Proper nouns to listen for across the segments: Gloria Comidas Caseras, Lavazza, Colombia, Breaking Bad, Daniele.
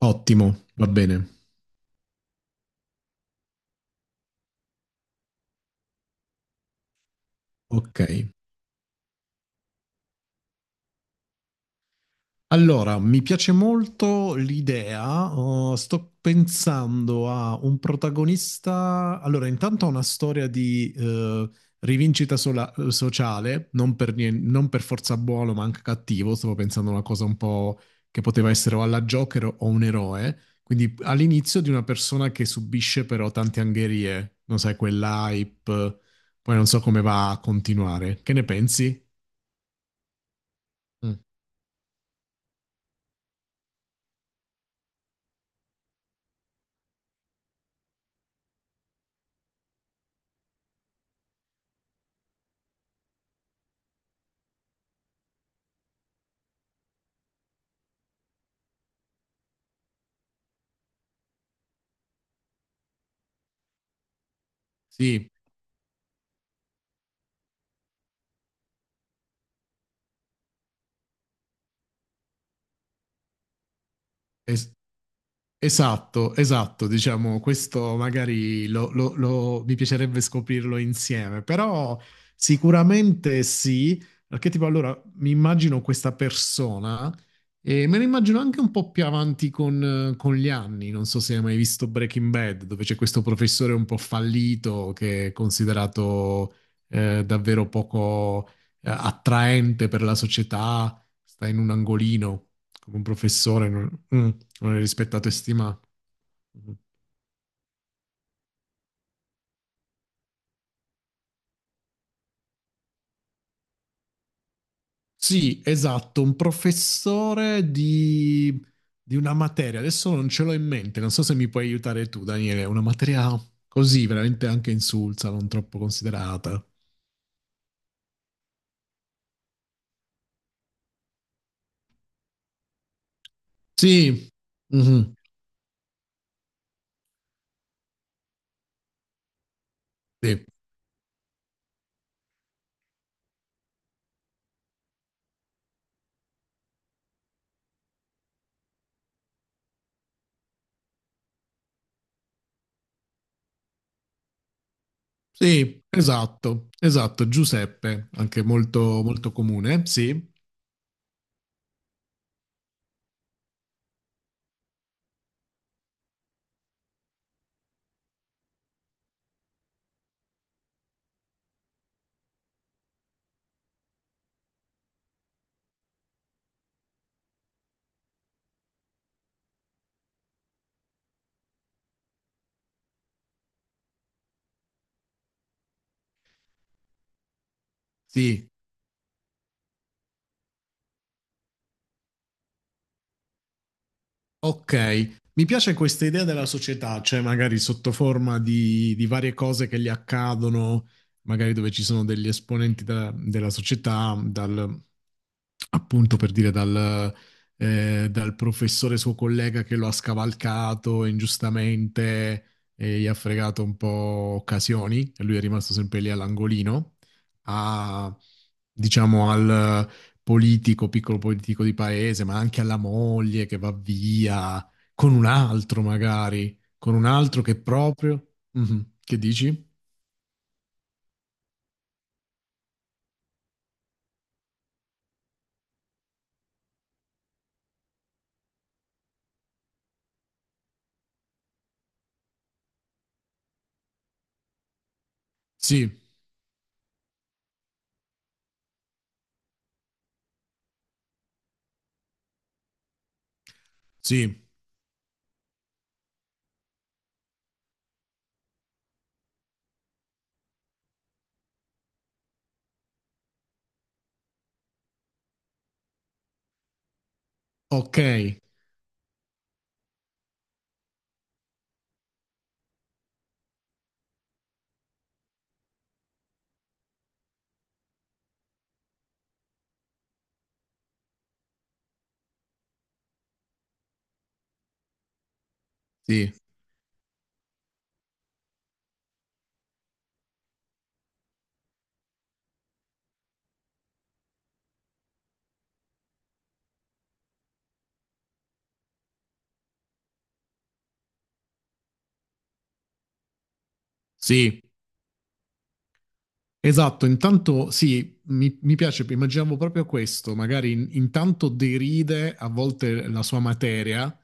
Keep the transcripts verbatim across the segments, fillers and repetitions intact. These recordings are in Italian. Ottimo, va bene. Ok. Allora, mi piace molto l'idea. Uh, sto pensando a un protagonista. Allora, intanto ha una storia di eh, rivincita sola- uh, sociale, non per, nien- non per forza buono, ma anche cattivo. Stavo pensando a una cosa un po' che poteva essere o alla Joker o un eroe. Quindi all'inizio di una persona che subisce però tante angherie, non sai, quell'hype. Poi non so come va a continuare. Che ne pensi? Mm. Sì, es- esatto, esatto, diciamo, questo magari lo, lo- lo- mi piacerebbe scoprirlo insieme, però sicuramente sì, perché tipo allora mi immagino questa persona e me la immagino anche un po' più avanti con, con gli anni, non so se hai mai visto Breaking Bad, dove c'è questo professore un po' fallito che è considerato eh, davvero poco eh, attraente per la società, sta in un angolino come un professore. non- Mm. Non è rispettato e stimato. Sì, esatto, un professore di, di una materia. Adesso non ce l'ho in mente, non so se mi puoi aiutare tu, Daniele. Una materia così, veramente anche insulsa, non troppo considerata. Sì, mhm, sì, sì, esatto, esatto. Giuseppe, anche molto, molto comune. Sì, sì. Ok, mi piace questa idea della società, cioè magari sotto forma di, di varie cose che gli accadono, magari dove ci sono degli esponenti da- della società, dal, appunto per dire dal, eh, dal professore suo collega che lo ha scavalcato ingiustamente e gli ha fregato un po' occasioni, e lui è rimasto sempre lì all'angolino, a, diciamo al politico, piccolo politico di paese, ma anche alla moglie che va via con un altro magari, con un altro che proprio... Mhm. Che dici? Sì, sì, ok, sì, sì. Esatto, intanto sì, mi, mi piace, immaginavo proprio questo, magari in- intanto deride a volte la sua materia,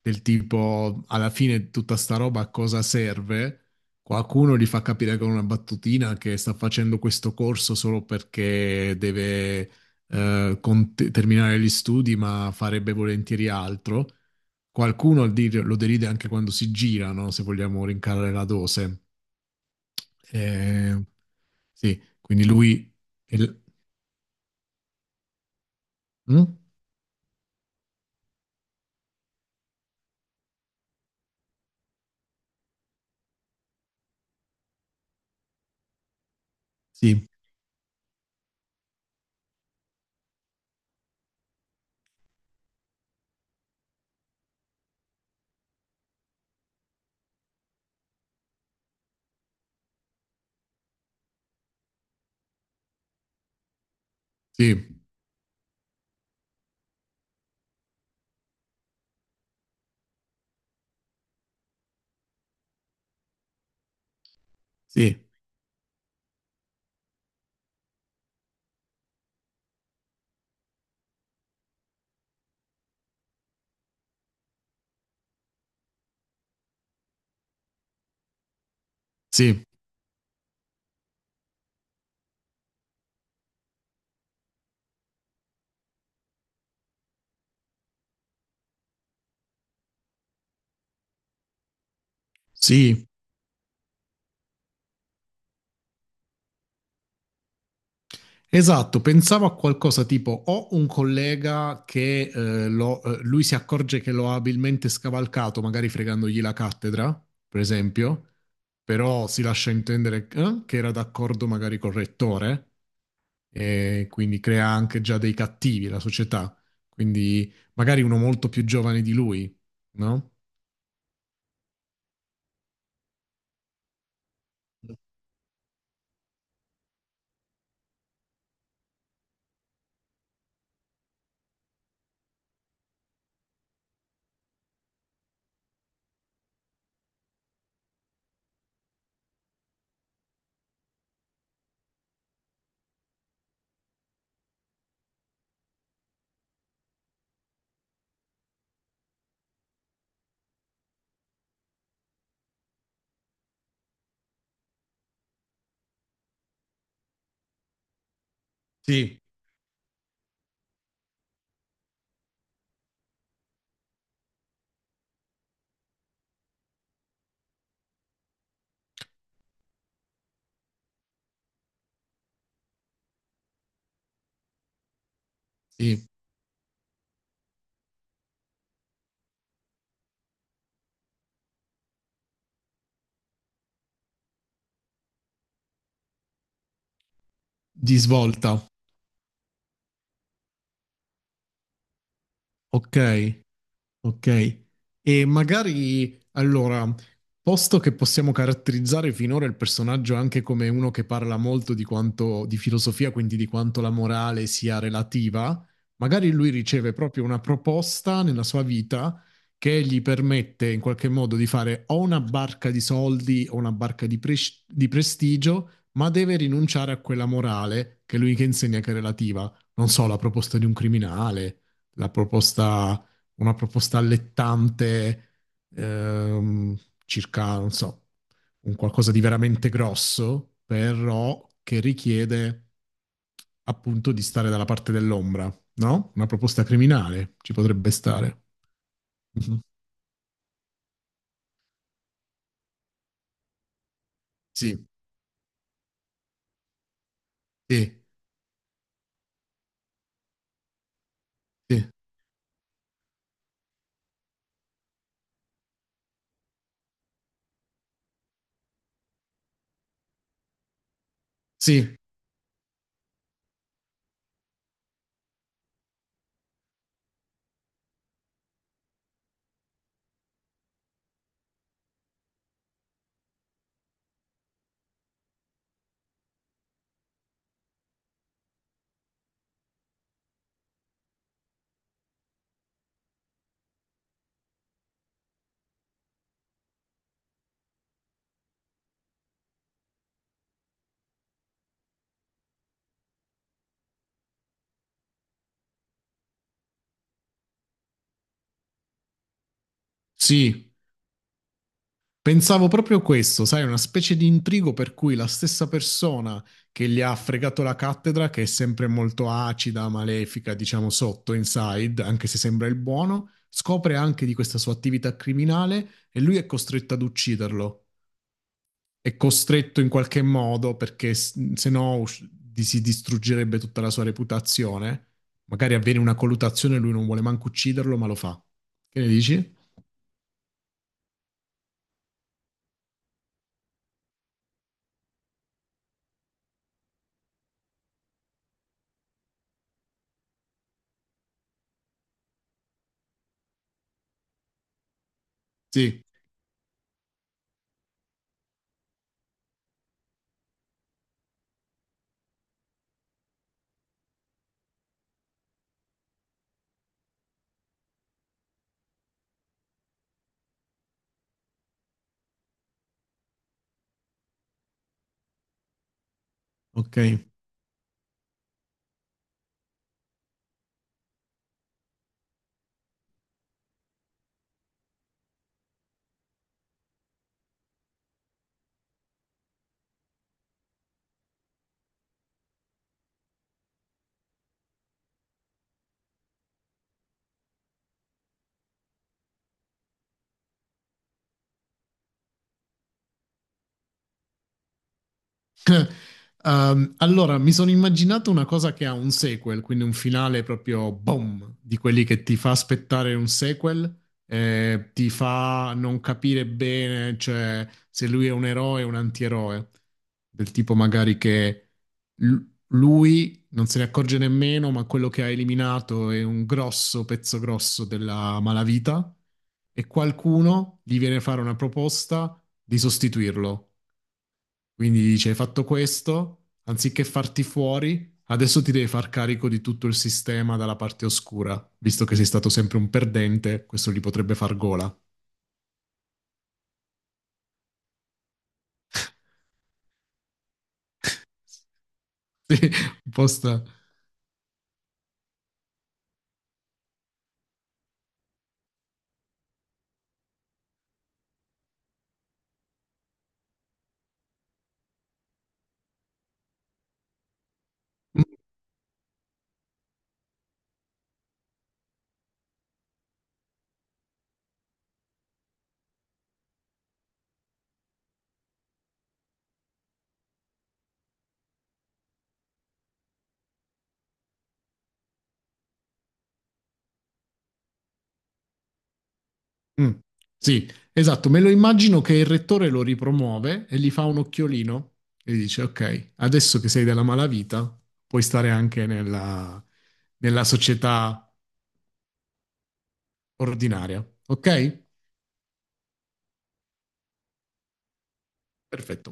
del tipo alla fine tutta sta roba a cosa serve, qualcuno gli fa capire con una battutina che sta facendo questo corso solo perché deve eh, con- terminare gli studi, ma farebbe volentieri altro. Qualcuno al dir- lo deride anche quando si gira, no? Se vogliamo rincarare la dose. Eh, sì, quindi lui... il- mm? Sì, sì, sì, sì, sì. Esatto, pensavo a qualcosa tipo ho un collega che eh, lo- eh, lui si accorge che lo ha abilmente scavalcato, magari fregandogli la cattedra, per esempio, però si lascia intendere eh, che era d'accordo magari col rettore e quindi crea anche già dei cattivi la società, quindi magari uno molto più giovane di lui, no? Sì, sì, di svolta, ok? Ok, e magari allora, posto che possiamo caratterizzare finora il personaggio anche come uno che parla molto di quanto di filosofia, quindi di quanto la morale sia relativa, magari lui riceve proprio una proposta nella sua vita che gli permette in qualche modo di fare o una barca di soldi o una barca di, pres- di prestigio, ma deve rinunciare a quella morale che lui che insegna che è relativa. Non so, la proposta di un criminale, la proposta una proposta allettante, ehm, circa, non so, un qualcosa di veramente grosso, però che richiede appunto di stare dalla parte dell'ombra, no? Una proposta criminale ci potrebbe stare. Mhm. Sì, sì, sì, sì, sì. Pensavo proprio questo, sai, una specie di intrigo per cui la stessa persona che gli ha fregato la cattedra, che è sempre molto acida, malefica, diciamo sotto, inside, anche se sembra il buono, scopre anche di questa sua attività criminale e lui è costretto ad ucciderlo. È costretto in qualche modo perché s- se no us- di- si distruggerebbe tutta la sua reputazione. Magari avviene una colluttazione e lui non vuole manco ucciderlo, ma lo fa. Che ne dici? Sì, ok. Ehm, allora, mi sono immaginato una cosa che ha un sequel, quindi un finale proprio boom, di quelli che ti fa aspettare un sequel, eh, ti fa non capire bene, cioè se lui è un eroe o un antieroe, del tipo magari che l- lui non se ne accorge nemmeno, ma quello che ha eliminato è un grosso pezzo grosso della malavita e qualcuno gli viene a fare una proposta di sostituirlo. Quindi dice, hai fatto questo, anziché farti fuori, adesso ti devi far carico di tutto il sistema dalla parte oscura, visto che sei stato sempre un perdente, questo gli potrebbe far gola. Sì, un po' sta- mm, mm. Sì, esatto, me lo immagino che il rettore lo ripromuove e gli fa un occhiolino e gli dice, ok, adesso che sei della malavita, puoi stare anche nella, nella società ordinaria, ok? Perfetto.